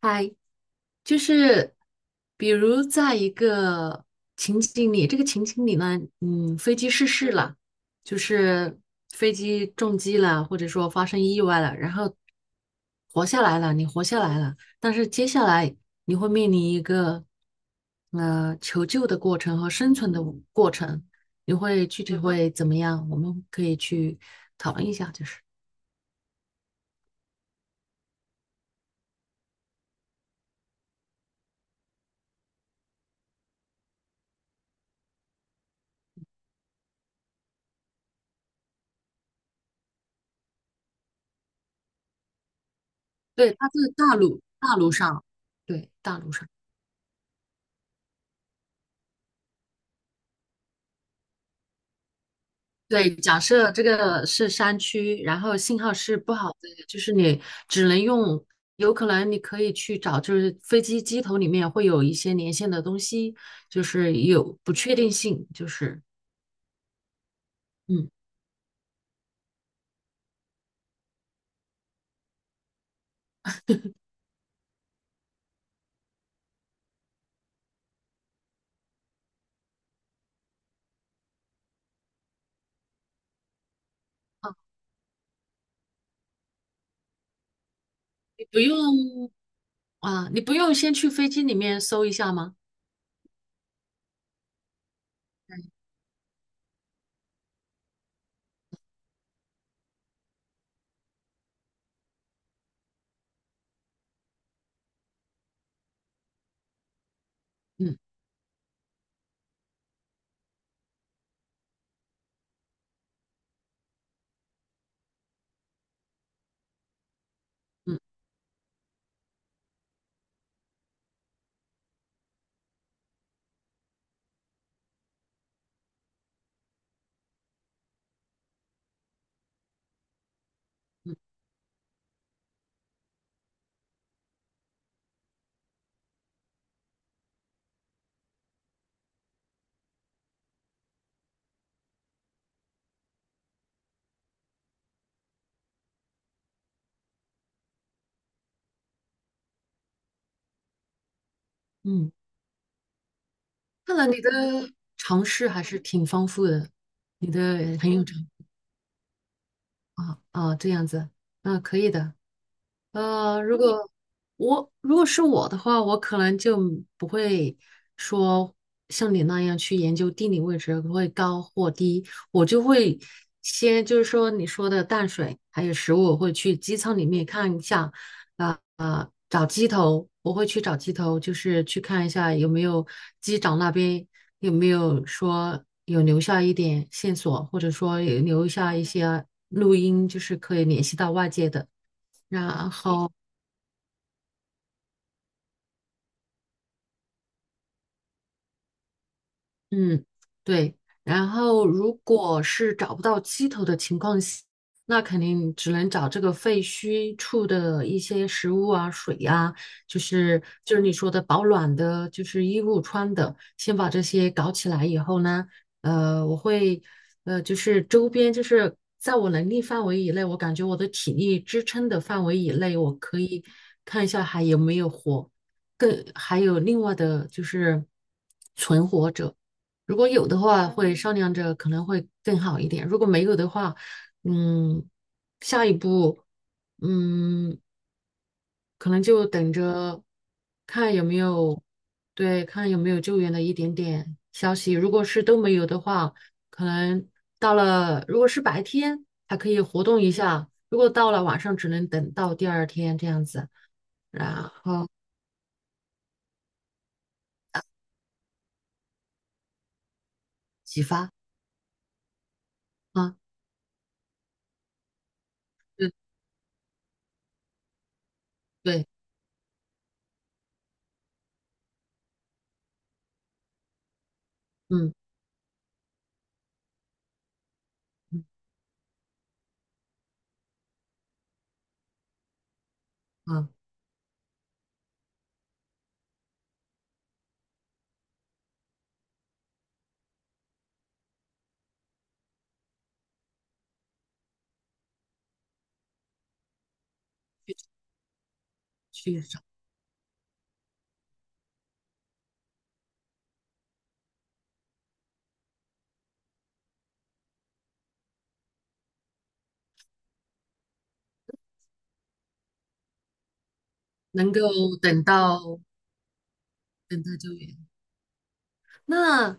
嗨，就是比如在一个情景里，这个情景里呢，飞机失事了，就是飞机撞击了，或者说发生意外了，然后活下来了，你活下来了，但是接下来你会面临一个求救的过程和生存的过程，你会具体会怎么样？我们可以去讨论一下，就是对，它是大陆上，对，大陆上。对，假设这个是山区，然后信号是不好的，就是你只能用，有可能你可以去找，就是飞机机头里面会有一些连线的东西，就是有不确定性，就是嗯啊，你不用啊，你不用先去飞机里面搜一下吗？嗯嗯嗯，看来你的尝试还是挺丰富的，你的很有尝啊啊这样子，啊，可以的。如果我如果是我的话，我可能就不会说像你那样去研究地理位置会高或低，我就会先就是说你说的淡水还有食物，我会去机舱里面看一下，啊、啊、找机头，我会去找机头，就是去看一下有没有机长那边有没有说有留下一点线索，或者说有留下一些录音，就是可以联系到外界的。然后,嗯，对。然后，如果是找不到鸡头的情况下，那肯定只能找这个废墟处的一些食物啊、水呀、就是你说的保暖的，就是衣物穿的，先把这些搞起来以后呢，呃，我会就是周边，就是在我能力范围以内，我感觉我的体力支撑的范围以内，我可以看一下还有没有活，更还有另外的就是存活者，如果有的话，会商量着可能会更好一点；如果没有的话，嗯，下一步，嗯，可能就等着看有没有，对，看有没有救援的一点点消息。如果是都没有的话，可能到了，如果是白天还可以活动一下，如果到了晚上，只能等到第二天这样子，然后启发啊，对对，嗯嗯啊，去找能够等到。等待救援。那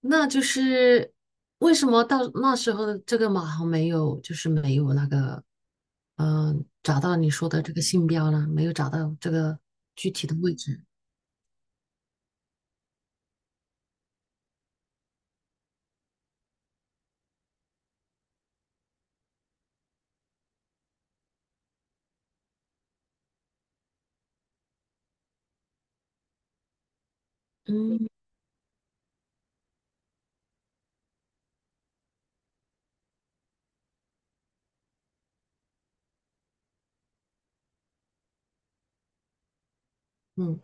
那就是为什么到那时候的这个马航没有，就是没有那个，嗯、找到你说的这个信标呢？没有找到这个具体的位置。嗯嗯，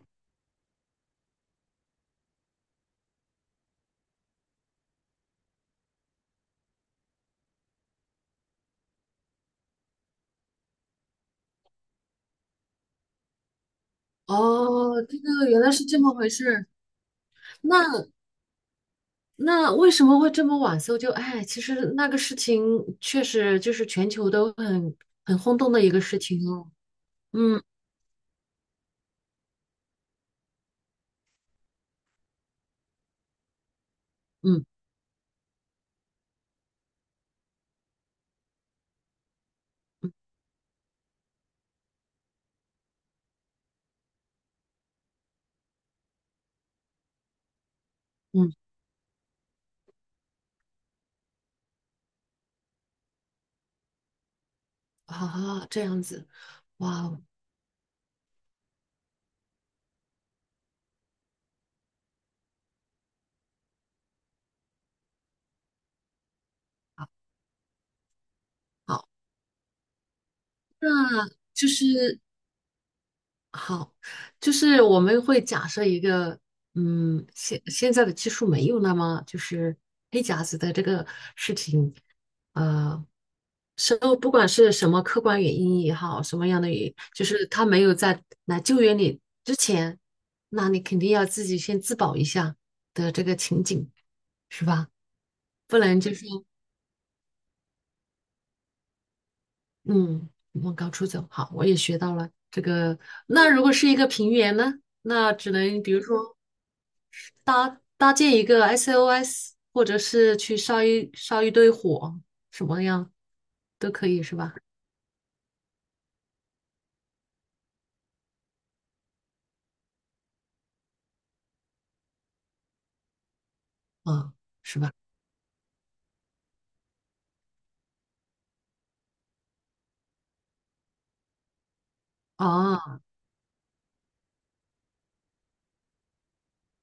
哦，这个原来是这么回事儿那那为什么会这么晚搜救？哎，其实那个事情确实就是全球都很很轰动的一个事情哦。嗯嗯嗯嗯，好好这样子，哇哦。好那就是好，就是我们会假设一个，嗯，现现在的技术没有那么就是黑匣子的这个事情，呃，是不管是什么客观原因也好，什么样的原因，就是他没有在来救援你之前，那你肯定要自己先自保一下的这个情景，是吧？不能就是。嗯，往高处走，好，我也学到了这个。那如果是一个平原呢？那只能比如说搭建一个 SOS，或者是去烧一烧一堆火，什么样都可以是吧？嗯，是吧？啊。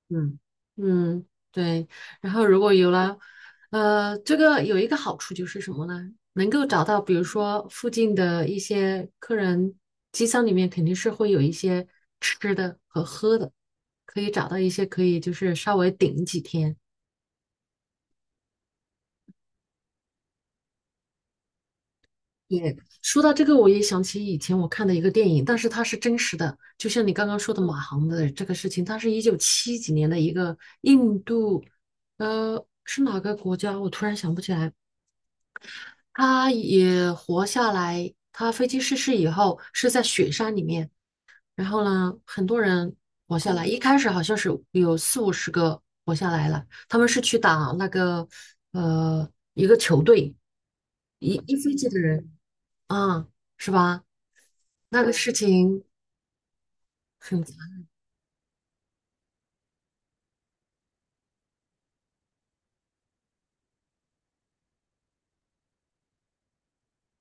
嗯嗯，对。然后如果有了，这个有一个好处就是什么呢？能够找到，比如说附近的一些客人，机舱里面肯定是会有一些吃的和喝的，可以找到一些可以就是稍微顶几天。说到这个，我也想起以前我看的一个电影，但是它是真实的，就像你刚刚说的马航的这个事情，它是一九七几年的一个印度，是哪个国家？我突然想不起来。他也活下来。他飞机失事以后是在雪山里面，然后呢，很多人活下来。一开始好像是有四五十个活下来了，他们是去打那个呃一个球队，一一飞机的人，啊，是吧？那个事情很惨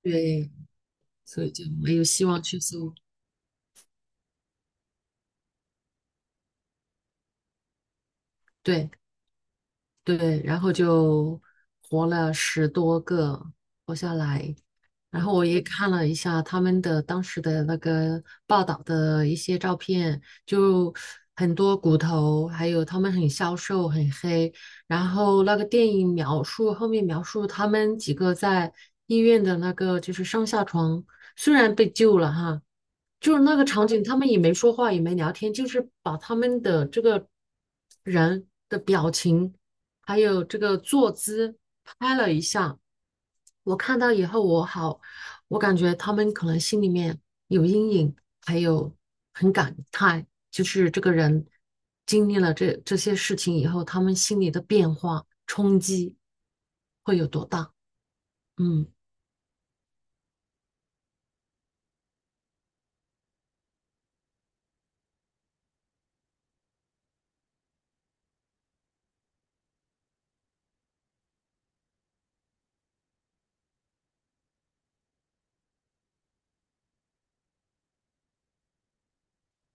对，所以就没有希望去搜。对。对，然后就活了十多个，活下来。然后我也看了一下他们的当时的那个报道的一些照片，就很多骨头，还有他们很消瘦、很黑。然后那个电影描述后面描述他们几个在医院的那个就是上下床，虽然被救了哈，就是那个场景，他们也没说话，也没聊天，就是把他们的这个人的表情。还有这个坐姿拍了一下，我看到以后我好，我感觉他们可能心里面有阴影，还有很感叹，就是这个人经历了这这些事情以后，他们心里的变化冲击会有多大？嗯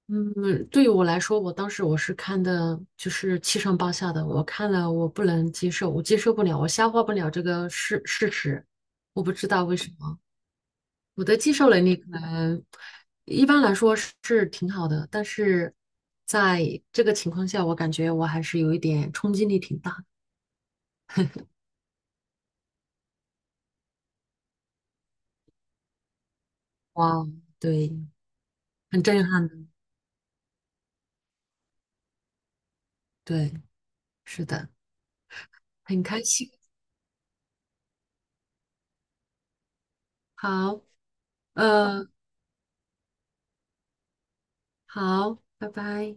嗯，对于我来说，我当时我是看的，就是七上八下的，我看了我不能接受，我接受不了，我消化不了这个事事实，我不知道为什么。我的接受能力可能一般来说是是挺好的，但是在这个情况下，我感觉我还是有一点冲击力挺大的。哇，对，很震撼的，对，是的，很开心。好，呃，好，拜拜。